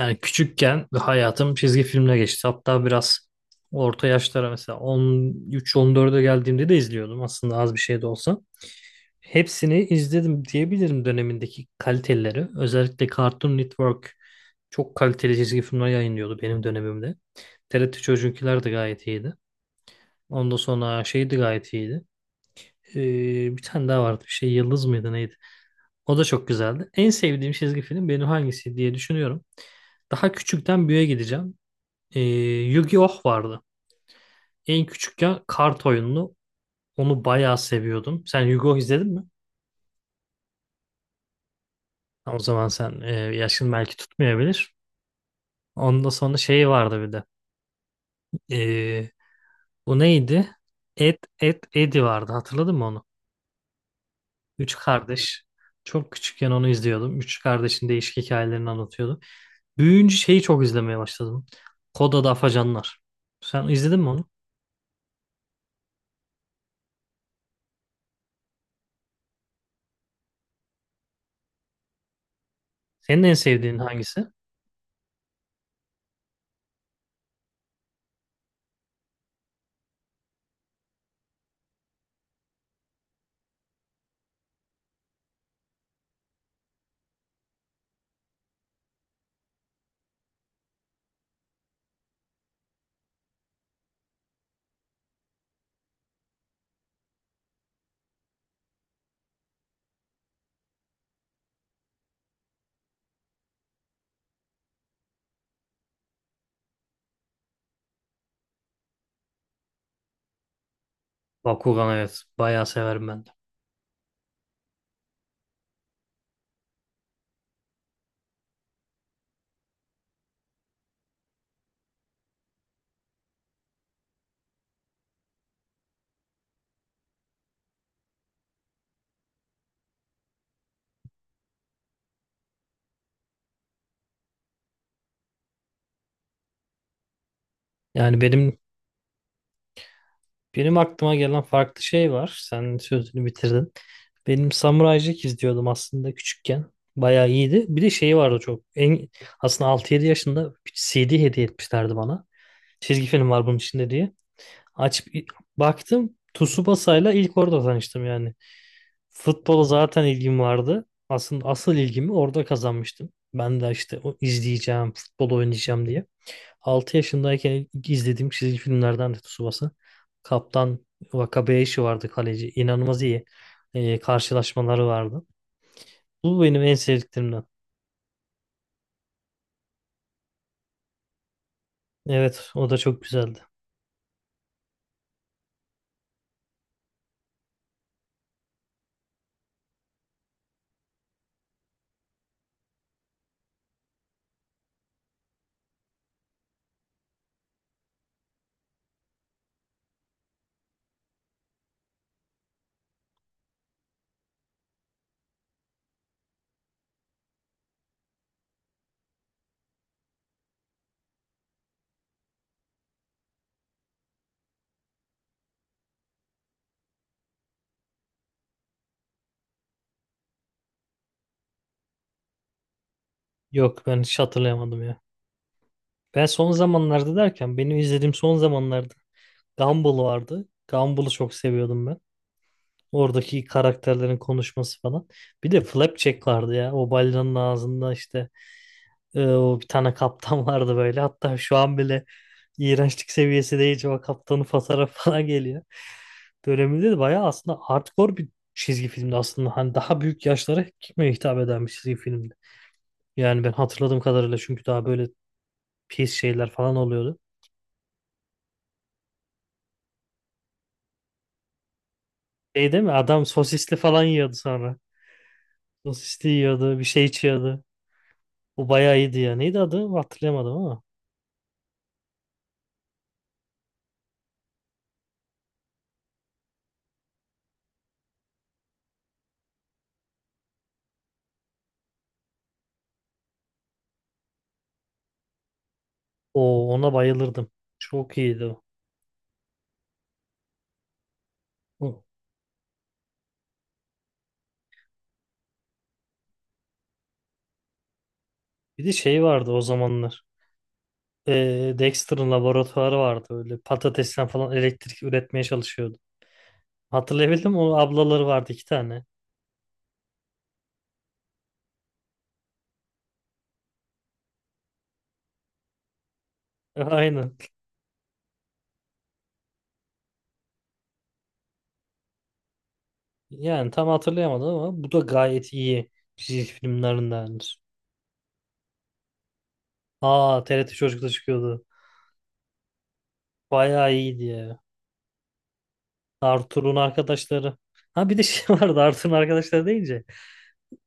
Yani küçükken hayatım çizgi filmle geçti. Hatta biraz orta yaşlara mesela 13-14'e geldiğimde de izliyordum aslında az bir şey de olsa. Hepsini izledim diyebilirim dönemindeki kaliteleri. Özellikle Cartoon Network çok kaliteli çizgi filmler yayınlıyordu benim dönemimde. TRT Çocuklar da gayet iyiydi. Ondan sonra şey de gayet iyiydi. Bir tane daha vardı. Bir şey Yıldız mıydı neydi? O da çok güzeldi. En sevdiğim çizgi film benim hangisi diye düşünüyorum. Daha küçükten büyüğe gideceğim. Ee, Yu-Gi-Oh vardı. En küçükken kart oyununu. Onu bayağı seviyordum. Sen Yu-Gi-Oh izledin mi? O zaman sen yaşın belki tutmayabilir. Ondan sonra şey vardı bir de. Ee, Bu neydi? Eddie vardı. Hatırladın mı onu? Üç kardeş. Çok küçükken onu izliyordum. Üç kardeşin değişik hikayelerini anlatıyordu. Büyüyünce şeyi çok izlemeye başladım. Kod Adı Afacanlar. Sen izledin mi onu? Senin en sevdiğin hangisi? Bakugan, evet. Bayağı severim ben de. Yani benim aklıma gelen farklı şey var. Sen sözünü bitirdin. Benim Samurai Jack izliyordum aslında küçükken. Bayağı iyiydi. Bir de şeyi vardı çok. En, aslında 6 7 yaşında bir CD hediye etmişlerdi bana. Çizgi film var bunun içinde diye. Açıp baktım Tsubasa'yla ilk orada tanıştım yani. Futbola zaten ilgim vardı. Aslında asıl ilgimi orada kazanmıştım. Ben de işte o izleyeceğim, futbol oynayacağım diye. 6 yaşındayken ilk izlediğim çizgi filmlerden de Tsubasa. Kaptan Wakabayashi vardı kaleci. İnanılmaz iyi karşılaşmaları vardı. Bu benim en sevdiklerimden. Evet, o da çok güzeldi. Yok, ben hiç hatırlayamadım ya. Ben son zamanlarda derken benim izlediğim son zamanlarda Gumball vardı. Gumball'ı çok seviyordum ben. Oradaki karakterlerin konuşması falan. Bir de Flapjack vardı ya. O balinanın ağzında işte o bir tane kaptan vardı böyle. Hatta şu an bile iğrençlik seviyesi değil. O kaptanın fotoğrafı falan geliyor. Döneminde de bayağı aslında hardcore bir çizgi filmdi aslında. Hani daha büyük yaşlara kime hitap eden bir çizgi filmdi. Yani ben hatırladığım kadarıyla çünkü daha böyle pis şeyler falan oluyordu. Şey değil mi? Adam sosisli falan yiyordu sonra. Sosisli yiyordu, bir şey içiyordu. O bayağı iyiydi ya. Neydi adı? Hatırlayamadım ama. O, ona bayılırdım. Çok iyiydi o. Hı. Bir de şey vardı o zamanlar. Dexter'ın laboratuvarı vardı. Öyle patatesten falan elektrik üretmeye çalışıyordu. Hatırlayabildim mi? O ablaları vardı iki tane. Aynen. Yani tam hatırlayamadım ama bu da gayet iyi çizgi filmlerindendir. Aa, TRT Çocuk'ta çıkıyordu. Bayağı iyiydi ya. Arthur'un arkadaşları. Ha bir de şey vardı Arthur'un arkadaşları deyince.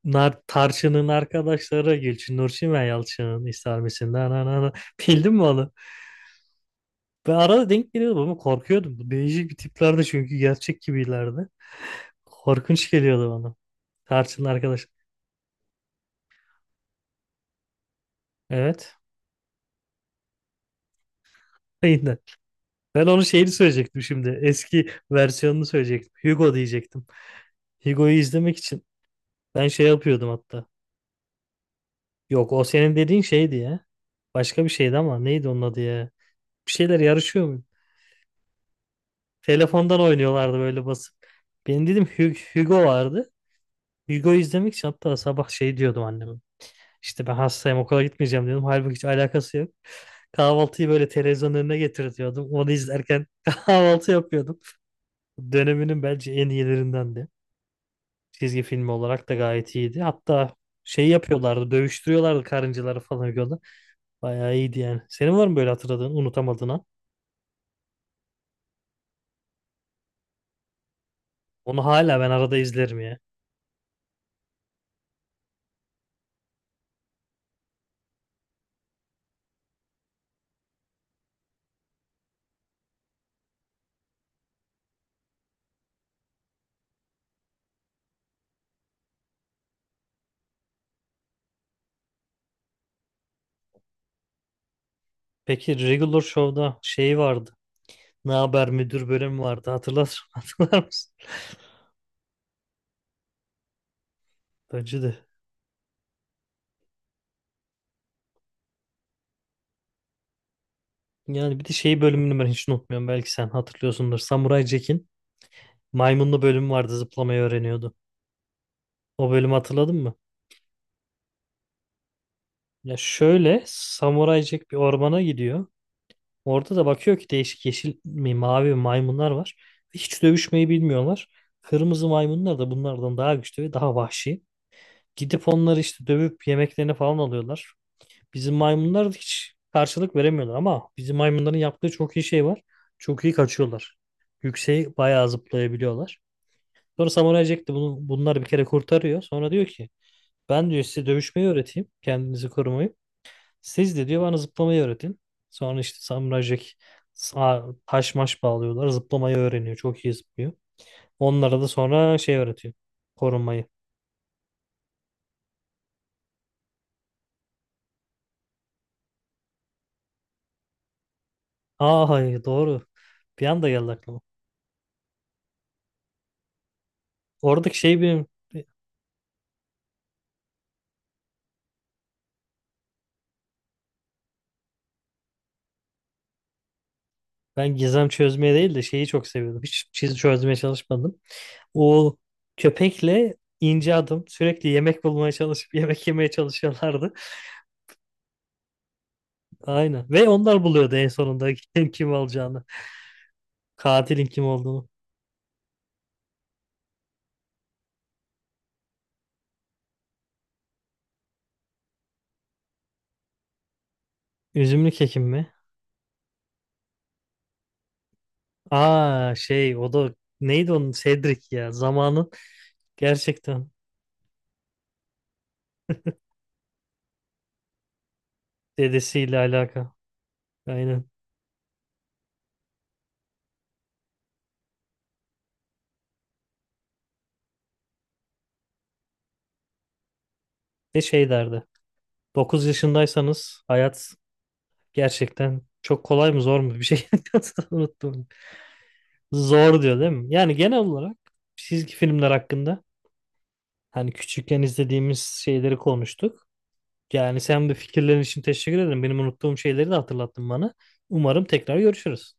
Nar, Tarçın'ın arkadaşları Gülçin Nurçin ve Yalçın'ın ister misin? Na, bildin mi onu? Ben arada denk geliyordum ama korkuyordum. Bu değişik bir tiplerdi çünkü gerçek gibilerdi. Korkunç geliyordu bana. Tarçın'ın arkadaş. Evet. Aynen. Ben onun şeyini söyleyecektim şimdi. Eski versiyonunu söyleyecektim. Hugo diyecektim. Hugo'yu izlemek için ben şey yapıyordum hatta. Yok, o senin dediğin şeydi ya. Başka bir şeydi ama neydi onun adı ya? Bir şeyler yarışıyor mu? Telefondan oynuyorlardı böyle basıp. Benim dedim Hugo vardı. Hugo izlemek için hatta sabah şey diyordum anneme. İşte ben hastayım okula gitmeyeceğim diyordum. Halbuki hiç alakası yok. Kahvaltıyı böyle televizyonun önüne getiriyordum. Onu izlerken kahvaltı yapıyordum. Döneminin bence en iyilerindendi. Çizgi filmi olarak da gayet iyiydi. Hatta şey yapıyorlardı, dövüştürüyorlardı karıncaları falan yolda. Bayağı iyiydi yani. Senin var mı böyle hatırladığın, unutamadığın an? Onu hala ben arada izlerim ya. Peki Regular Show'da şey vardı. Ne haber müdür bölümü vardı hatırlar mısın? Bence de. Yani bir de şey bölümünü ben hiç unutmuyorum. Belki sen hatırlıyorsundur. Samuray Jack'in maymunlu bölümü vardı zıplamayı öğreniyordu. O bölümü hatırladın mı? Ya şöyle Samuray Jack bir ormana gidiyor. Orada da bakıyor ki değişik yeşil mi mavi maymunlar var. Hiç dövüşmeyi bilmiyorlar. Kırmızı maymunlar da bunlardan daha güçlü ve daha vahşi. Gidip onları işte dövüp yemeklerini falan alıyorlar. Bizim maymunlar hiç karşılık veremiyorlar ama bizim maymunların yaptığı çok iyi şey var. Çok iyi kaçıyorlar. Yükseği bayağı zıplayabiliyorlar. Sonra Samuray Jack de bunları bir kere kurtarıyor. Sonra diyor ki ben diyor size dövüşmeyi öğreteyim. Kendinizi korumayı. Siz de diyor bana zıplamayı öğretin. Sonra işte Samuray Jack taş maş bağlıyorlar. Zıplamayı öğreniyor. Çok iyi zıplıyor. Onlara da sonra şey öğretiyor. Korunmayı. Aa hayır, doğru. Bir anda geldi aklıma. Oradaki şey benim. Ben gizem çözmeye değil de şeyi çok seviyordum. Hiç çiz çözmeye çalışmadım. O köpekle ince adım sürekli yemek bulmaya çalışıp yemek yemeye çalışıyorlardı. Aynen. Ve onlar buluyordu en sonunda kim alacağını. Katilin kim olduğunu. Üzümlü kekim mi? Aa, şey o da neydi onun, Cedric ya. Zamanın gerçekten dedesiyle alaka. Aynen. Ne şey derdi. 9 yaşındaysanız hayat gerçekten çok kolay mı zor mu bir şey unuttum. Zor diyor değil mi? Yani genel olarak çizgi filmler hakkında hani küçükken izlediğimiz şeyleri konuştuk. Yani sen de fikirlerin için teşekkür ederim. Benim unuttuğum şeyleri de hatırlattın bana. Umarım tekrar görüşürüz.